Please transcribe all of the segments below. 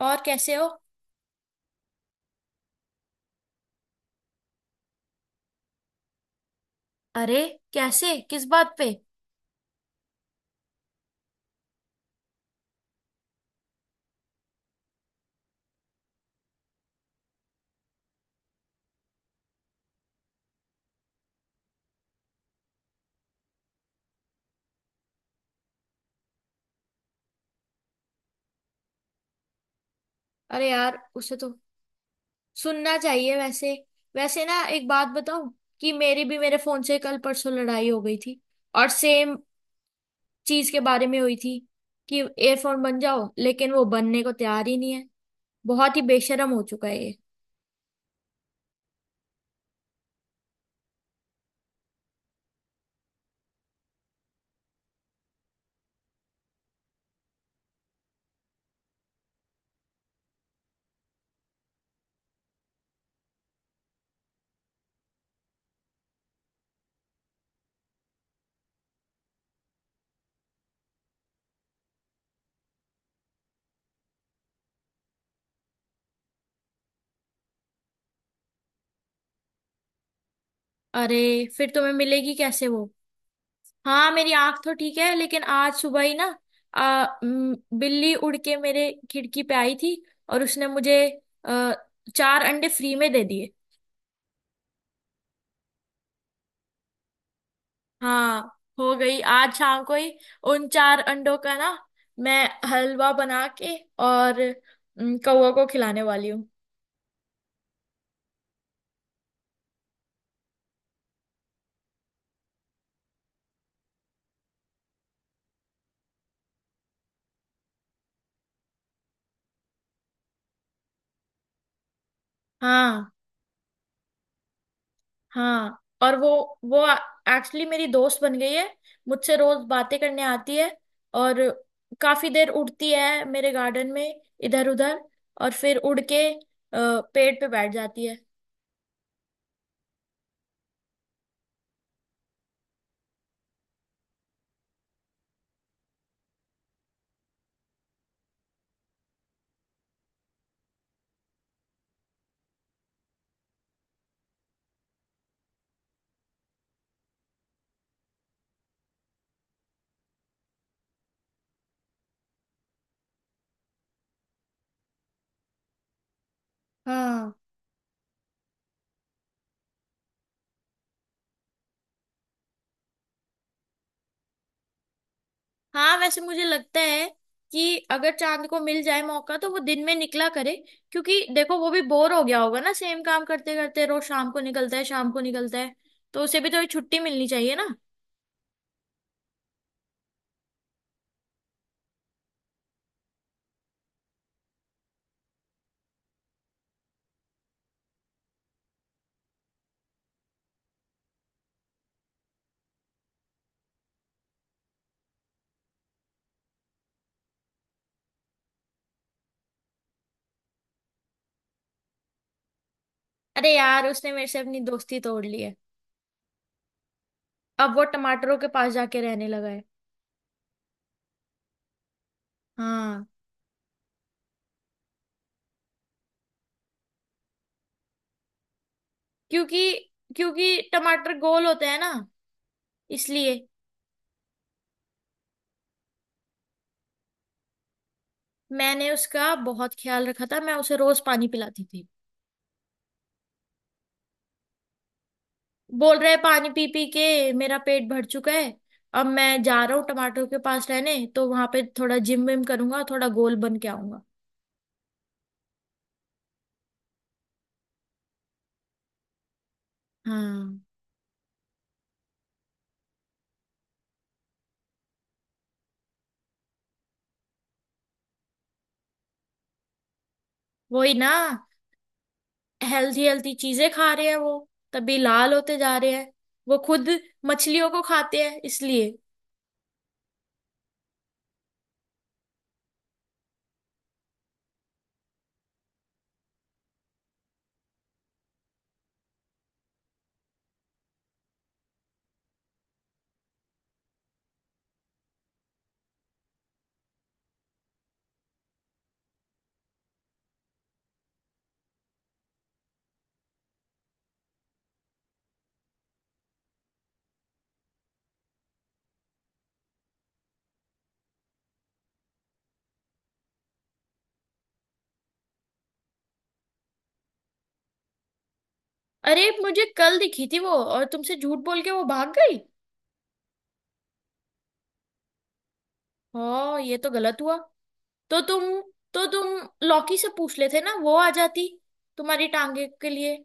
और कैसे हो। अरे। कैसे किस बात पे। अरे यार उसे तो सुनना चाहिए वैसे। वैसे ना एक बात बताऊं कि मेरी भी मेरे फोन से कल परसों लड़ाई हो गई थी और सेम चीज के बारे में हुई थी कि एयरफोन बन जाओ लेकिन वो बनने को तैयार ही नहीं है। बहुत ही बेशरम हो चुका है ये। अरे। फिर तुम्हें मिलेगी कैसे वो। हाँ मेरी आंख तो ठीक है लेकिन आज सुबह ही ना बिल्ली उड़ के मेरे खिड़की पे आई थी और उसने मुझे आ, चार अंडे फ्री में दे दिए। हाँ हो गई आज शाम को ही उन चार अंडों का ना मैं हलवा बना के और कौवा को खिलाने वाली हूँ। हाँ। हाँ और वो एक्चुअली मेरी दोस्त बन गई है। मुझसे रोज बातें करने आती है और काफी देर उड़ती है मेरे गार्डन में इधर उधर और फिर उड़ के पेड़ पे बैठ जाती है। हाँ। हाँ वैसे मुझे लगता है कि अगर चांद को मिल जाए मौका तो वो दिन में निकला करे क्योंकि देखो वो भी बोर हो गया होगा ना सेम काम करते करते रोज शाम को निकलता है शाम को निकलता है तो उसे भी थोड़ी छुट्टी मिलनी चाहिए ना। अरे यार उसने मेरे से अपनी दोस्ती तोड़ ली है। अब वो टमाटरों के पास जाके रहने लगा है। हाँ क्योंकि क्योंकि टमाटर गोल होते हैं ना इसलिए। मैंने उसका बहुत ख्याल रखा था मैं उसे रोज पानी पिलाती थी। बोल रहा है पानी पी पी के मेरा पेट भर चुका है। अब मैं जा रहा हूँ टमाटरों के पास रहने तो वहां पे थोड़ा जिम विम करूंगा थोड़ा गोल बन के आऊंगा। हाँ वही ना। हेल्थी हेल्थी चीजें खा रहे हैं वो तभी लाल होते जा रहे हैं। वो खुद मछलियों को खाते हैं इसलिए। अरे मुझे कल दिखी थी वो और तुमसे झूठ बोल के वो भाग गई। हाँ ये तो गलत हुआ। तो तुम तो तुम लौकी से पूछ लेते ना वो आ जाती तुम्हारी टांगे के लिए।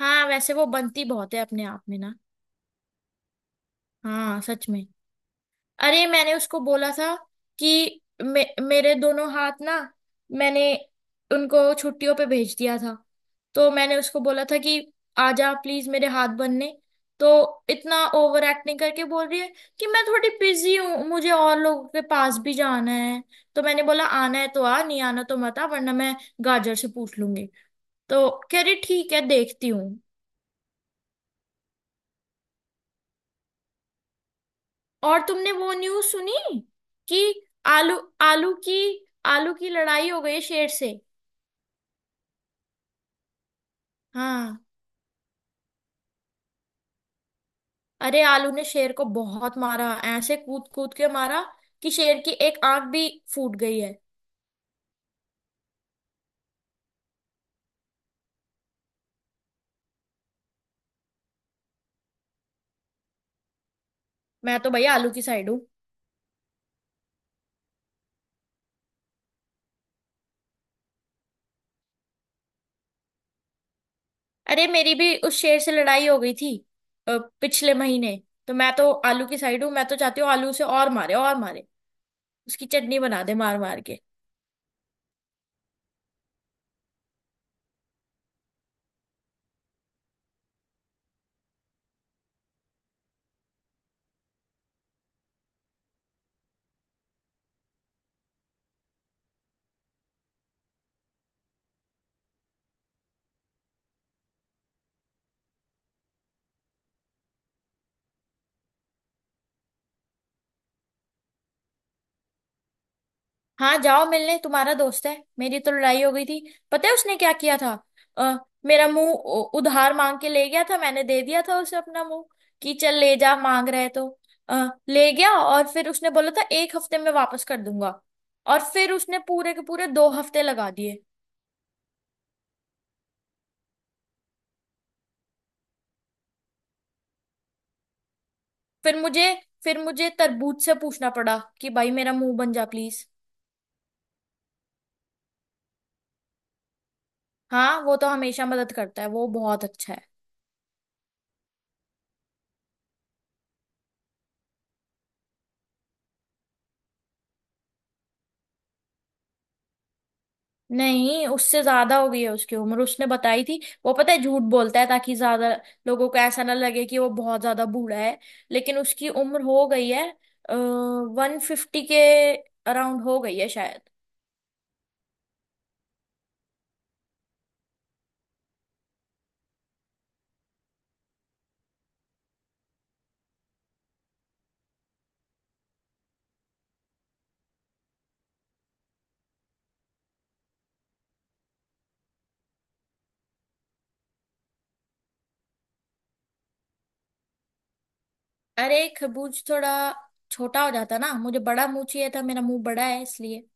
हाँ वैसे वो बनती बहुत है अपने आप में ना। हाँ सच में। अरे मैंने उसको बोला था कि मेरे दोनों हाथ ना मैंने उनको छुट्टियों पे भेज दिया था। तो मैंने उसको बोला था कि आजा प्लीज मेरे हाथ बनने। तो इतना ओवर एक्टिंग करके बोल रही है कि मैं थोड़ी बिजी हूँ मुझे और लोगों के पास भी जाना है। तो मैंने बोला आना है तो आ नहीं आना तो मत आ वरना मैं गाजर से पूछ लूंगी। तो कह रही ठीक है देखती हूँ। और तुमने वो न्यूज़ सुनी कि आलू आलू की आलू की लड़ाई हो गई शेर से। हाँ। अरे आलू ने शेर को बहुत मारा ऐसे कूद कूद के मारा कि शेर की एक आंख भी फूट गई है। मैं तो भैया आलू की साइड हूँ। अरे मेरी भी उस शेर से लड़ाई हो गई थी पिछले महीने। तो मैं तो आलू की साइड हूँ मैं तो चाहती हूँ आलू से और मारे उसकी चटनी बना दे मार मार के। हाँ जाओ मिलने तुम्हारा दोस्त है मेरी तो लड़ाई हो गई थी। पता है उसने क्या किया था। अ, मेरा मुंह उधार मांग के ले गया था मैंने दे दिया था उसे अपना मुंह। कि चल ले जा मांग रहा है तो अ, ले गया और फिर उसने बोला था एक हफ्ते में वापस कर दूंगा। और फिर उसने पूरे के पूरे 2 हफ्ते लगा दिए। फिर मुझे फिर मुझे तरबूज से पूछना पड़ा कि भाई मेरा मुंह बन जा प्लीज। हाँ वो तो हमेशा मदद करता है वो बहुत अच्छा है। नहीं उससे ज्यादा हो गई है उसकी उम्र उसने बताई थी। वो पता है झूठ बोलता है ताकि ज्यादा लोगों को ऐसा ना लगे कि वो बहुत ज्यादा बूढ़ा है। लेकिन उसकी उम्र हो गई है 150 के अराउंड हो गई है शायद। अरे खरबूज थोड़ा छोटा हो जाता ना मुझे बड़ा मुंह चाहिए था मेरा मुंह बड़ा है इसलिए।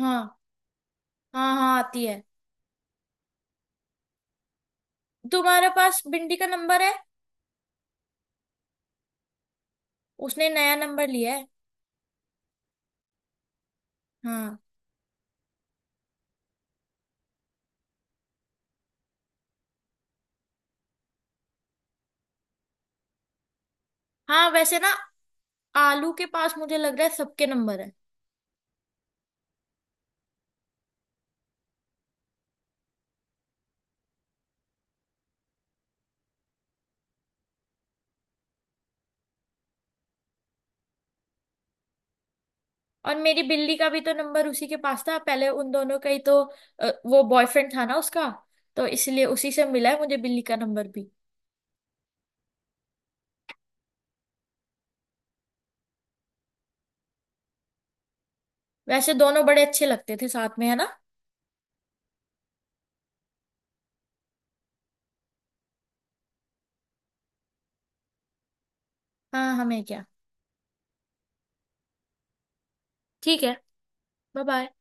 हाँ। हाँ हाँ आती है। तुम्हारे पास बिंदी का नंबर है। उसने नया नंबर लिया है। हाँ। हाँ वैसे ना आलू के पास मुझे लग रहा है सबके नंबर है। और मेरी बिल्ली का भी तो नंबर उसी के पास था पहले उन दोनों का ही तो वो बॉयफ्रेंड था ना उसका। तो इसलिए उसी से मिला है मुझे बिल्ली का नंबर भी। वैसे दोनों बड़े अच्छे लगते थे साथ में है ना। हाँ हमें क्या। ठीक है। Bye bye.